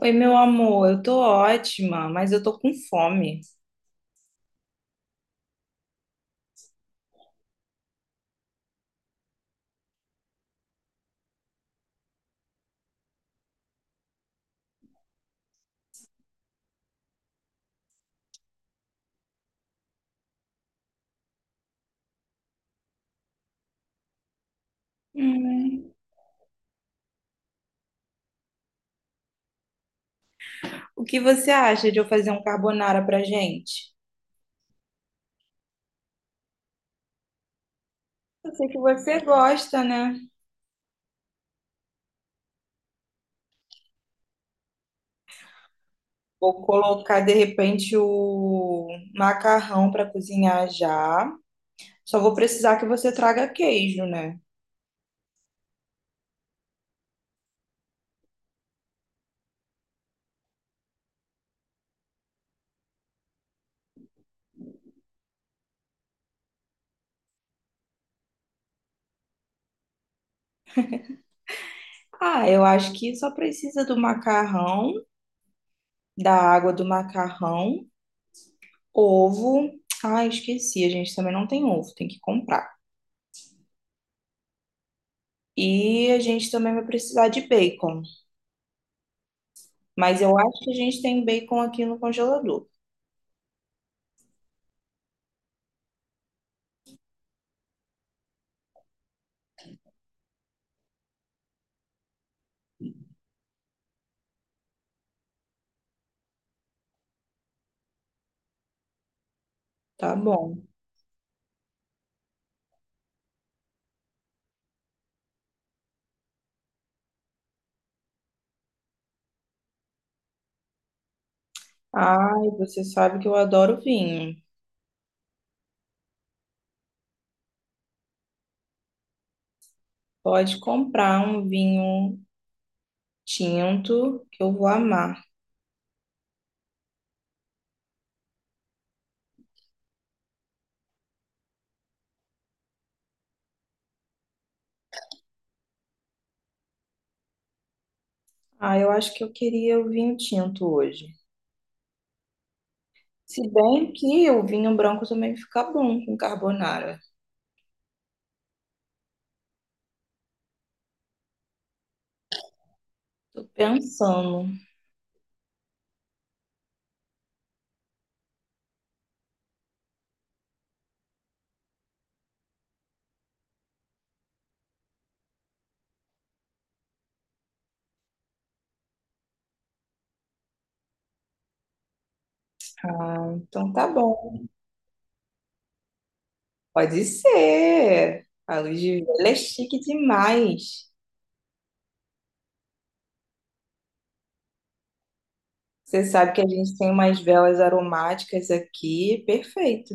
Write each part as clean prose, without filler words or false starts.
Oi, meu amor, eu tô ótima, mas eu tô com fome. Hum, o que você acha de eu fazer um carbonara pra gente? Eu sei que você gosta, né? Vou colocar de repente o macarrão pra cozinhar já. Só vou precisar que você traga queijo, né? Ah, eu acho que só precisa do macarrão, da água do macarrão, ovo. Ah, esqueci, a gente também não tem ovo, tem que comprar. E a gente também vai precisar de bacon. Mas eu acho que a gente tem bacon aqui no congelador. Tá bom. Ai, você sabe que eu adoro vinho. Pode comprar um vinho tinto que eu vou amar. Ah, eu acho que eu queria o vinho tinto hoje. Se bem que o vinho branco também fica bom com carbonara. Tô pensando. Ah, então tá bom. Pode ser. A luz de vela é chique demais. Você sabe que a gente tem umas velas aromáticas aqui, perfeito.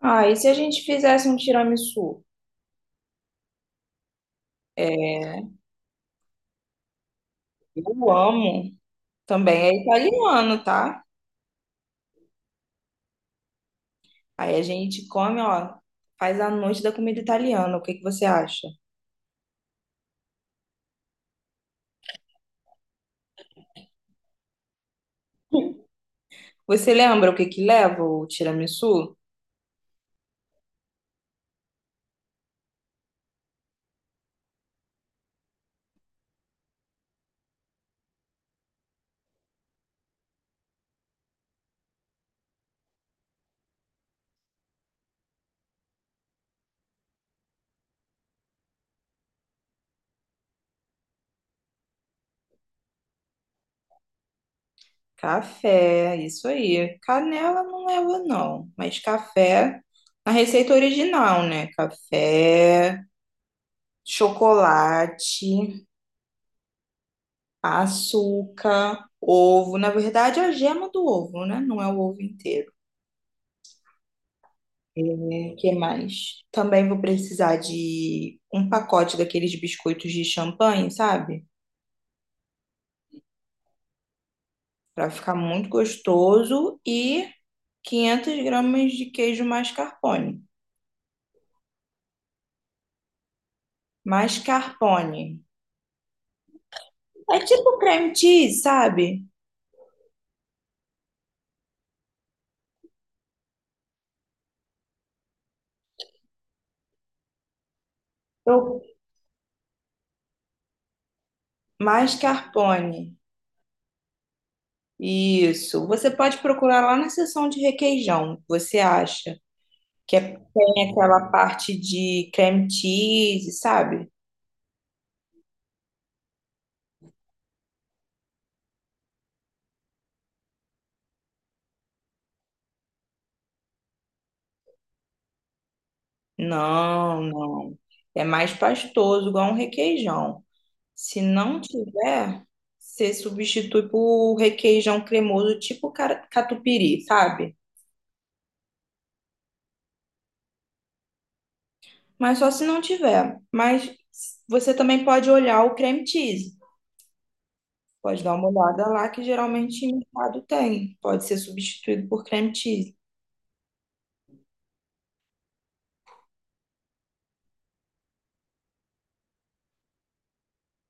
Ah, e se a gente fizesse um tiramisu? É, eu amo. Também é italiano, tá? Aí a gente come, ó, faz a noite da comida italiana. O que que você acha? Você lembra o que que leva o tiramisu? Café, isso aí. Canela não leva, não. Mas café, na receita original, né? Café, chocolate, açúcar, ovo. Na verdade, é a gema do ovo, né? Não é o ovo inteiro. É, que mais? Também vou precisar de um pacote daqueles biscoitos de champanhe, sabe? Para ficar muito gostoso e 500 gramas de queijo mascarpone. Mascarpone. É tipo cream cheese, sabe? Eu... Mascarpone. Isso. Você pode procurar lá na seção de requeijão, você acha? Tem aquela parte de creme cheese, sabe? Não, não. É mais pastoso, igual um requeijão. Se não tiver, você substitui por requeijão cremoso, tipo catupiry, sabe? Mas só se não tiver. Mas você também pode olhar o creme cheese. Pode dar uma olhada lá, que geralmente em mercado tem. Pode ser substituído por creme cheese.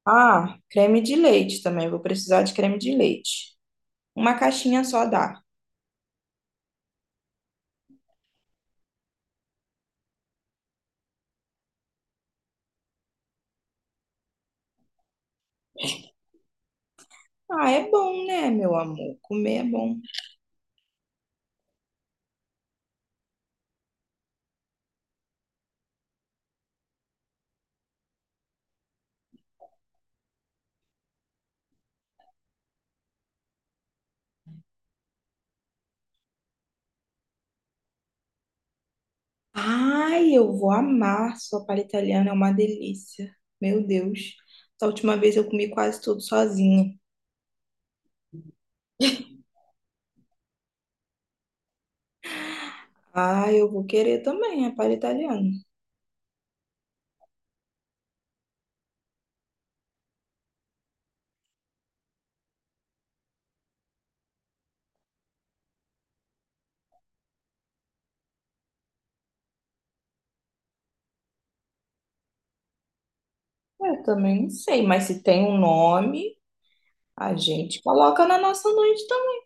Ah, creme de leite também. Vou precisar de creme de leite. Uma caixinha só dá. Ah, é bom, né, meu amor? Comer é bom. Ai, eu vou amar sopa italiana, é uma delícia. Meu Deus. Da última vez eu comi quase tudo sozinha. Ah, eu vou querer também, a palha italiana. Eu também não sei, mas se tem um nome, a gente coloca na nossa noite também.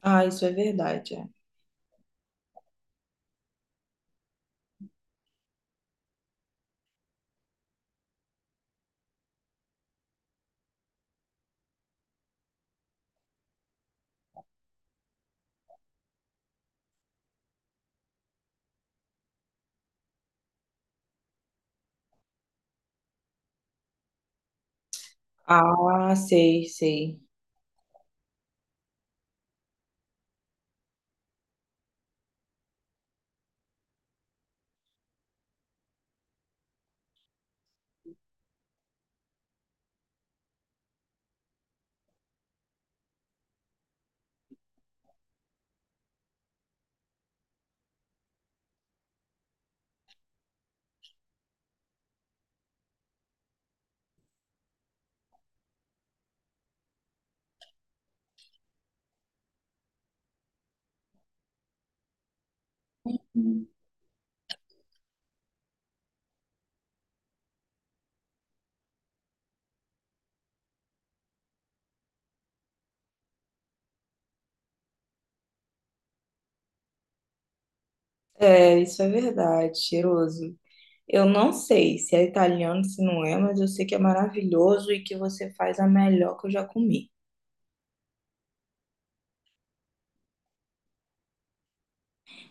Ah, isso é verdade. É. Ah, sei, sei. É, isso é verdade, cheiroso. Eu não sei se é italiano, se não é, mas eu sei que é maravilhoso e que você faz a melhor que eu já comi.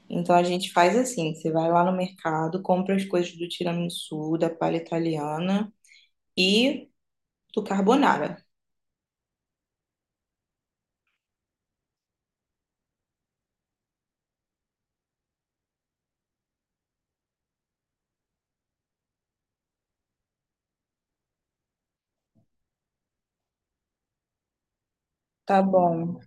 Então a gente faz assim, você vai lá no mercado, compra as coisas do tiramisu, da palha italiana e do carbonara. Tá bom,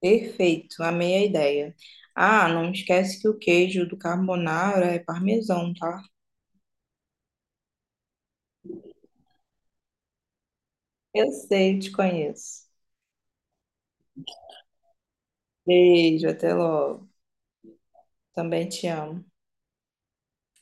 perfeito, amei a ideia. Ah, não esquece que o queijo do carbonara é parmesão, tá? Eu sei, te conheço. Beijo, até logo. Também te amo.